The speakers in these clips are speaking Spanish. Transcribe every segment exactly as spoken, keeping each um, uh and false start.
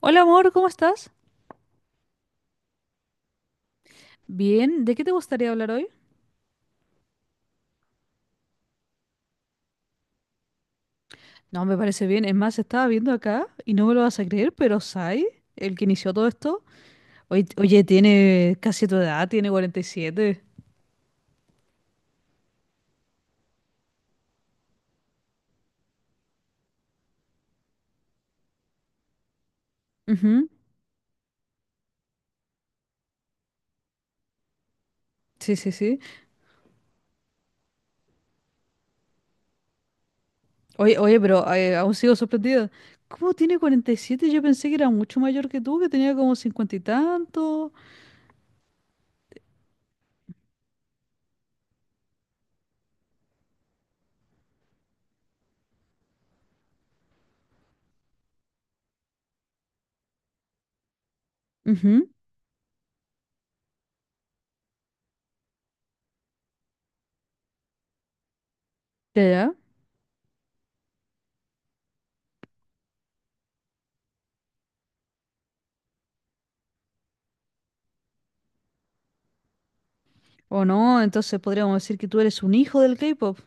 Hola amor, ¿cómo estás? Bien, ¿de qué te gustaría hablar hoy? No, me parece bien. Es más, estaba viendo acá y no me lo vas a creer, pero Sai, el que inició todo esto, oye, oye, tiene casi tu edad, tiene cuarenta y siete. Ujú, sí, sí, sí. Oye, oye, pero eh, aún sigo sorprendida. ¿Cómo tiene cuarenta y siete? Yo pensé que era mucho mayor que tú, que tenía como cincuenta y tanto. Ujú, ya, ya. O no, entonces podríamos decir que tú eres un hijo del K-pop.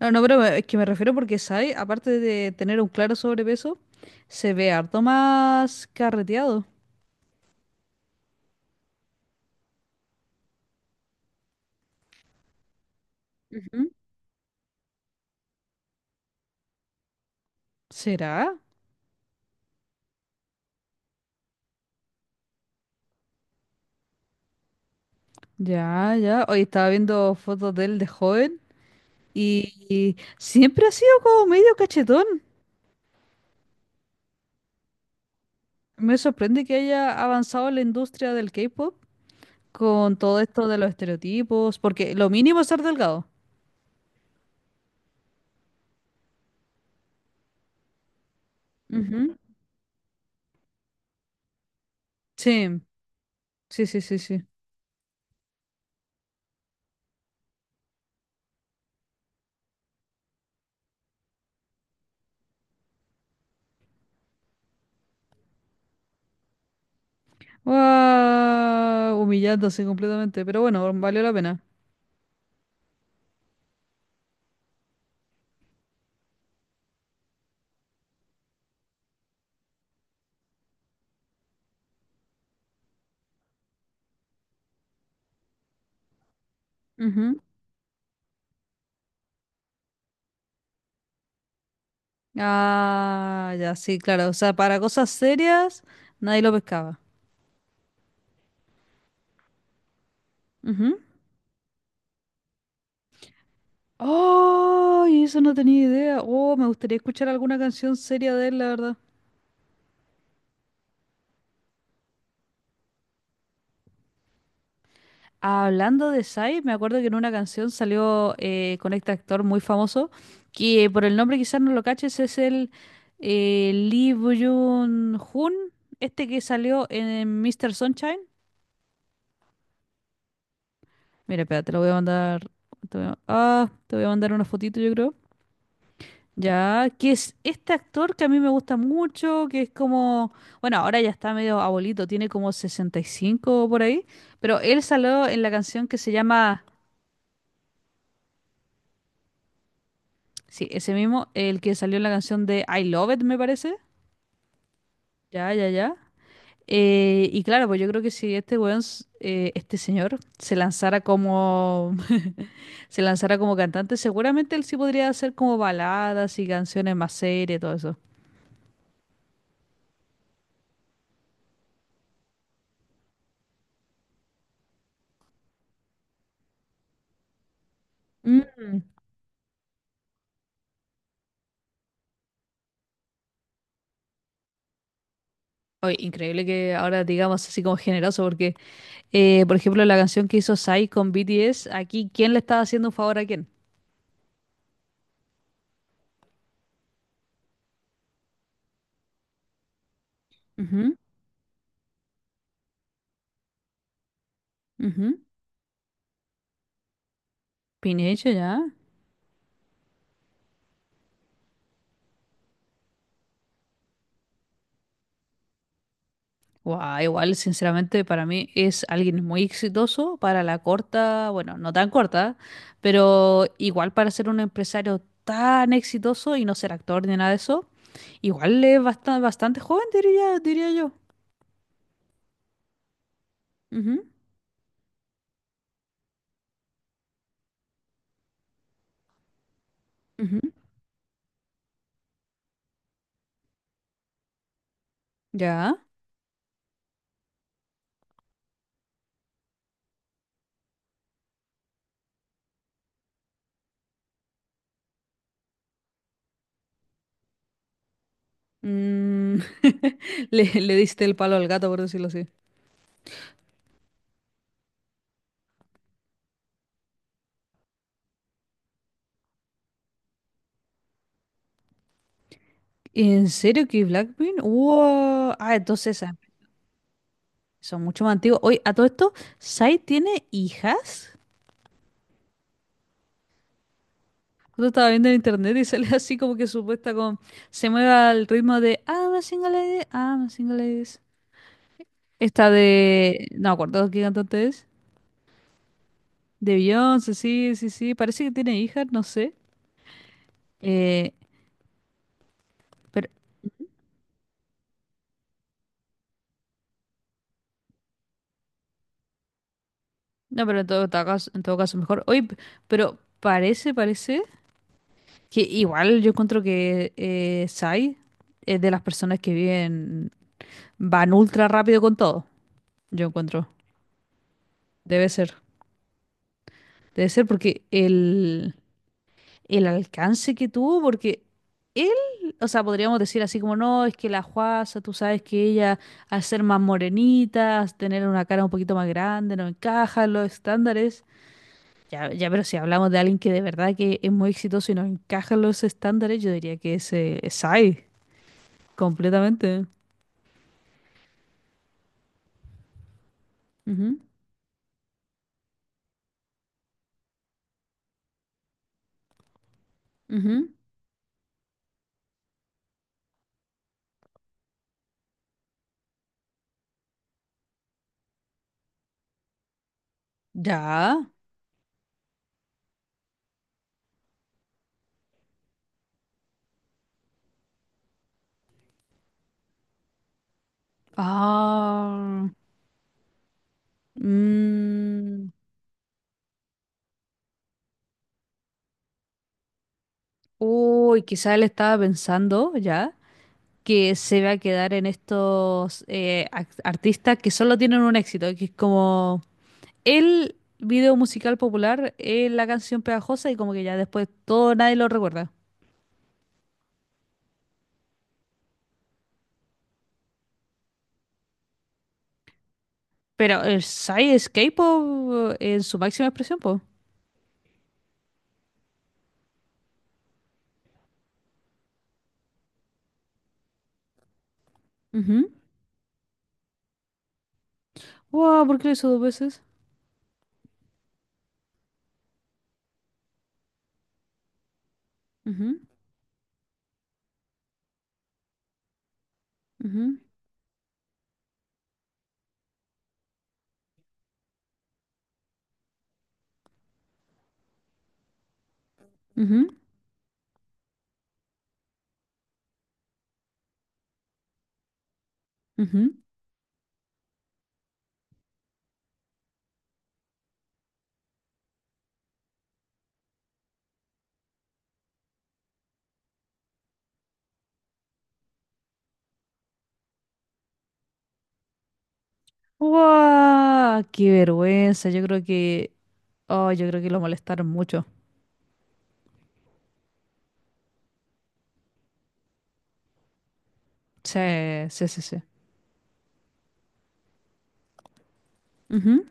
No, no, pero me- es que me refiero porque Sai, aparte de tener un claro sobrepeso, se ve harto más carreteado. Ujú. ¿Será? Ya, ya. Hoy estaba viendo fotos de él de joven y, y siempre ha sido como medio cachetón. Me sorprende que haya avanzado la industria del K-pop con todo esto de los estereotipos, porque lo mínimo es ser delgado. Ujú. Sí, sí, sí, sí, sí. Guau, humillándose completamente, pero bueno, valió la pena. Ujú. Ah, ya, sí, claro. O sea, para cosas serias nadie lo pescaba. Ujú. ¡Ay! Eso no tenía idea. Oh, me gustaría escuchar alguna canción seria de él, la verdad. Hablando de Sai, me acuerdo que en una canción salió eh, con este actor muy famoso, que por el nombre quizás no lo caches, es el eh, Lee Byung-hun, este que salió en míster Sunshine. Mira, espera, te lo voy a mandar. Te voy a- ah, te voy a mandar una fotito, yo creo. Ya, que es este actor que a mí me gusta mucho, que es como, bueno, ahora ya está medio abuelito, tiene como sesenta y cinco por ahí, pero él salió en la canción que se llama, sí, ese mismo, el que salió en la canción de I Love It, me parece. Ya, ya, ya. Eh, y claro, pues yo creo que si este weón, s- eh, este señor, se lanzara como, se lanzara como cantante, seguramente él sí podría hacer como baladas y canciones más serias y todo eso. Mm. Oye, increíble que ahora digamos así como generoso, porque, eh, por ejemplo, la canción que hizo Psy con B T S, aquí, ¿quién le estaba haciendo un favor a quién? Ujú, ujú. Pinecho ya. Guau, igual, sinceramente, para mí es alguien muy exitoso para la corta, bueno, no tan corta, pero igual para ser un empresario tan exitoso y no ser actor ni nada de eso, igual es bastante, bastante joven, diría, diría yo. Ujú, ujú. Ya. Mm, le, le diste el palo al gato, por decirlo así. ¿En serio que Blackpink? ¡Wow! Ah, entonces ah, son mucho más antiguos. Oye, a todo esto, ¿Psy tiene hijas? Yo estaba viendo en internet y sale así como que supuesta con. Se mueve al ritmo de I'm a single lady, I'm a single ladies. Esta de. No me acuerdo qué cantante es. De Beyoncé, sí, sí, sí. Parece que tiene hijas, no sé. Eh, pero. No, pero en todo ta- caso, en todo caso mejor. Oye, p- pero parece, parece. Que igual yo encuentro que eh, Sai es de las personas que viven, van ultra rápido con todo. Yo encuentro. Debe ser. Debe ser porque el, el alcance que tuvo, porque él, o sea, podríamos decir así como, no, es que la Juaza, tú sabes que ella, al ser más morenita, al tener una cara un poquito más grande, no encaja en los estándares. Ya, ya, pero si hablamos de alguien que de verdad que es muy exitoso y no encaja en los estándares, yo diría que es, eh, es Sai, completamente. Ujú, ujú. Ya. Ah. mm, Uy, quizá él estaba pensando ya que se va a quedar en estos eh, ac- artistas que solo tienen un éxito, que es como el video musical popular, eh, la canción pegajosa y como que ya después todo nadie lo recuerda. Pero el Psy es K-pop en su máxima expresión, po. Ujú. Wow, ¿por qué lo hizo dos veces? Ujú, ujú, ujú, ujú. ¡Guau! ¡Qué vergüenza! Yo creo que. Oh, yo creo que lo molestaron mucho. Sí, sí, sí, sí. Ujú.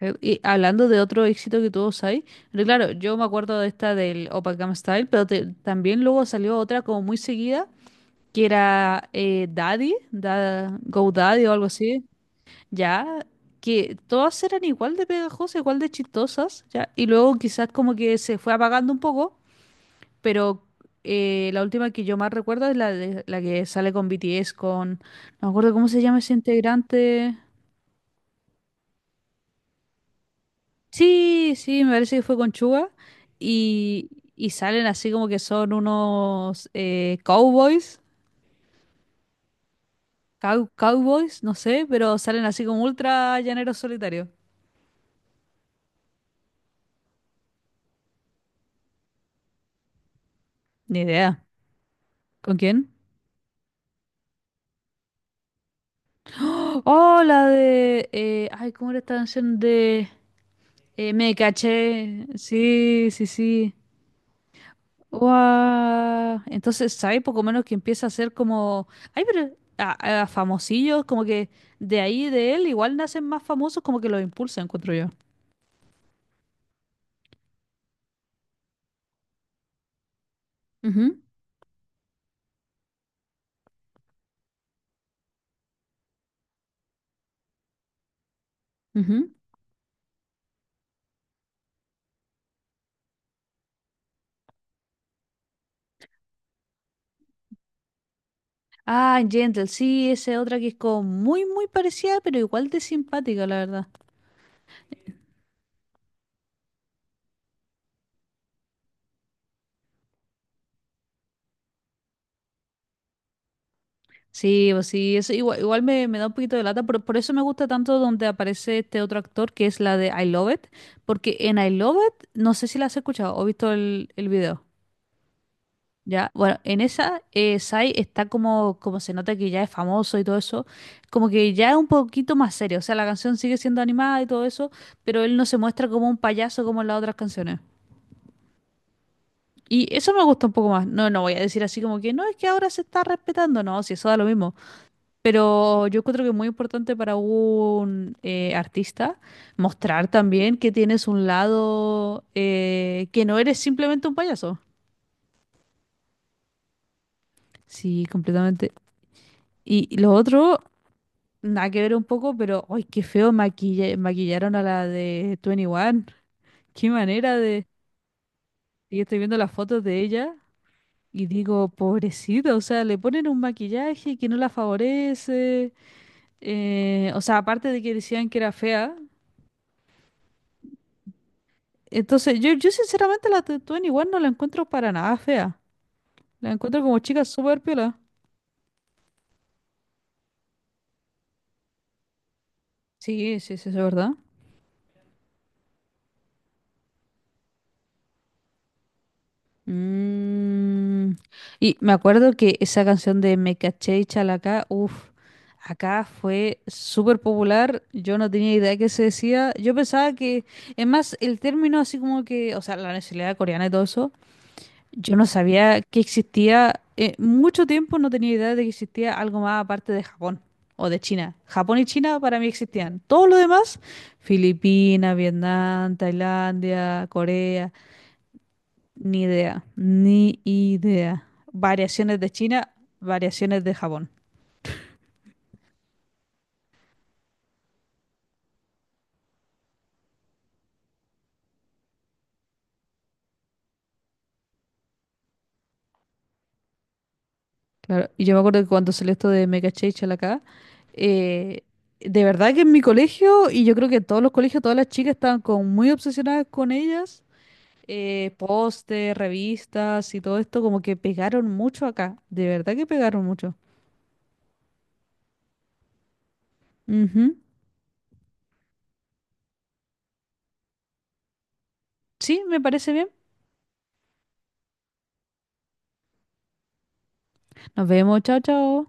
Eh, Y hablando de otro éxito que tuvo Psy, pero claro, yo me acuerdo de esta del Gangnam Style, pero te- también luego salió otra como muy seguida, que era eh, Daddy, Da- Go Daddy o algo así, ya, que todas eran igual de pegajosas, igual de chistosas, ya, y luego quizás como que se fue apagando un poco, pero eh, la última que yo más recuerdo es la, de- la que sale con B T S, con. No me acuerdo cómo se llama ese integrante. Sí, sí, me parece que fue con Chuga. Y, y salen así como que son unos eh, cowboys, cow- cowboys, no sé, pero salen así como ultra llaneros solitarios. Ni idea. ¿Con quién? Oh, ¡oh, la de, eh, ay! ¿Cómo era esta canción de? Eh, me caché. Sí, sí, sí. Guau. Entonces, ¿sabes? Poco menos que empieza a ser como. Ay, pero. A, a famosillos, como que de ahí de él igual nacen más famosos, como que los impulsa, encuentro yo. Ujú, ujú. Ah, Gentle, sí, esa es otra que es como muy, muy parecida, pero igual de simpática, la verdad. Sí, pues sí, eso igual, igual me, me da un poquito de lata, por, por eso me gusta tanto donde aparece este otro actor, que es la de I Love It, porque en I Love It, no sé si la has escuchado o visto el, el video. Ya, bueno, en esa eh, Sai está como, como se nota que ya es famoso y todo eso, como que ya es un poquito más serio, o sea, la canción sigue siendo animada y todo eso, pero él no se muestra como un payaso como en las otras canciones. Y eso me gusta un poco más. No, no voy a decir así como que no, es que ahora se está respetando, no, si eso da lo mismo. Pero yo creo que es muy importante para un eh, artista mostrar también que tienes un lado eh, que no eres simplemente un payaso. Sí, completamente. Y y lo otro. Nada que ver un poco, pero ¡ay, qué feo maquilla- maquillaron a la de twenty one! ¡Qué manera de! Y estoy viendo las fotos de ella y digo, pobrecita, o sea, le ponen un maquillaje que no la favorece. Eh, o sea, aparte de que decían que era fea. Entonces, yo, yo sinceramente la de twenty one no la encuentro para nada fea. La encuentro como chica súper piola. Sí, sí, sí, eso es verdad. Mm, y me acuerdo que esa canción de Me caché y Chalacá, uff, acá fue súper popular. Yo no tenía idea de qué se decía. Yo pensaba que, es más, el término así como que, o sea, la nacionalidad coreana y todo eso, yo no sabía que existía. Eh, mucho tiempo no tenía idea de que existía algo más aparte de Japón o de China. Japón y China para mí existían. Todo lo demás, Filipinas, Vietnam, Tailandia, Corea. Ni idea, ni idea. Variaciones de China, variaciones de Japón. Claro, y yo me acuerdo que cuando salió esto de Mega Chachal acá, eh, de verdad que en mi colegio, y yo creo que en todos los colegios, todas las chicas estaban como muy obsesionadas con ellas. Eh, póster, revistas y todo esto, como que pegaron mucho acá. De verdad que pegaron mucho. Ujú. Sí, me parece bien. Nos vemos, chao, chao.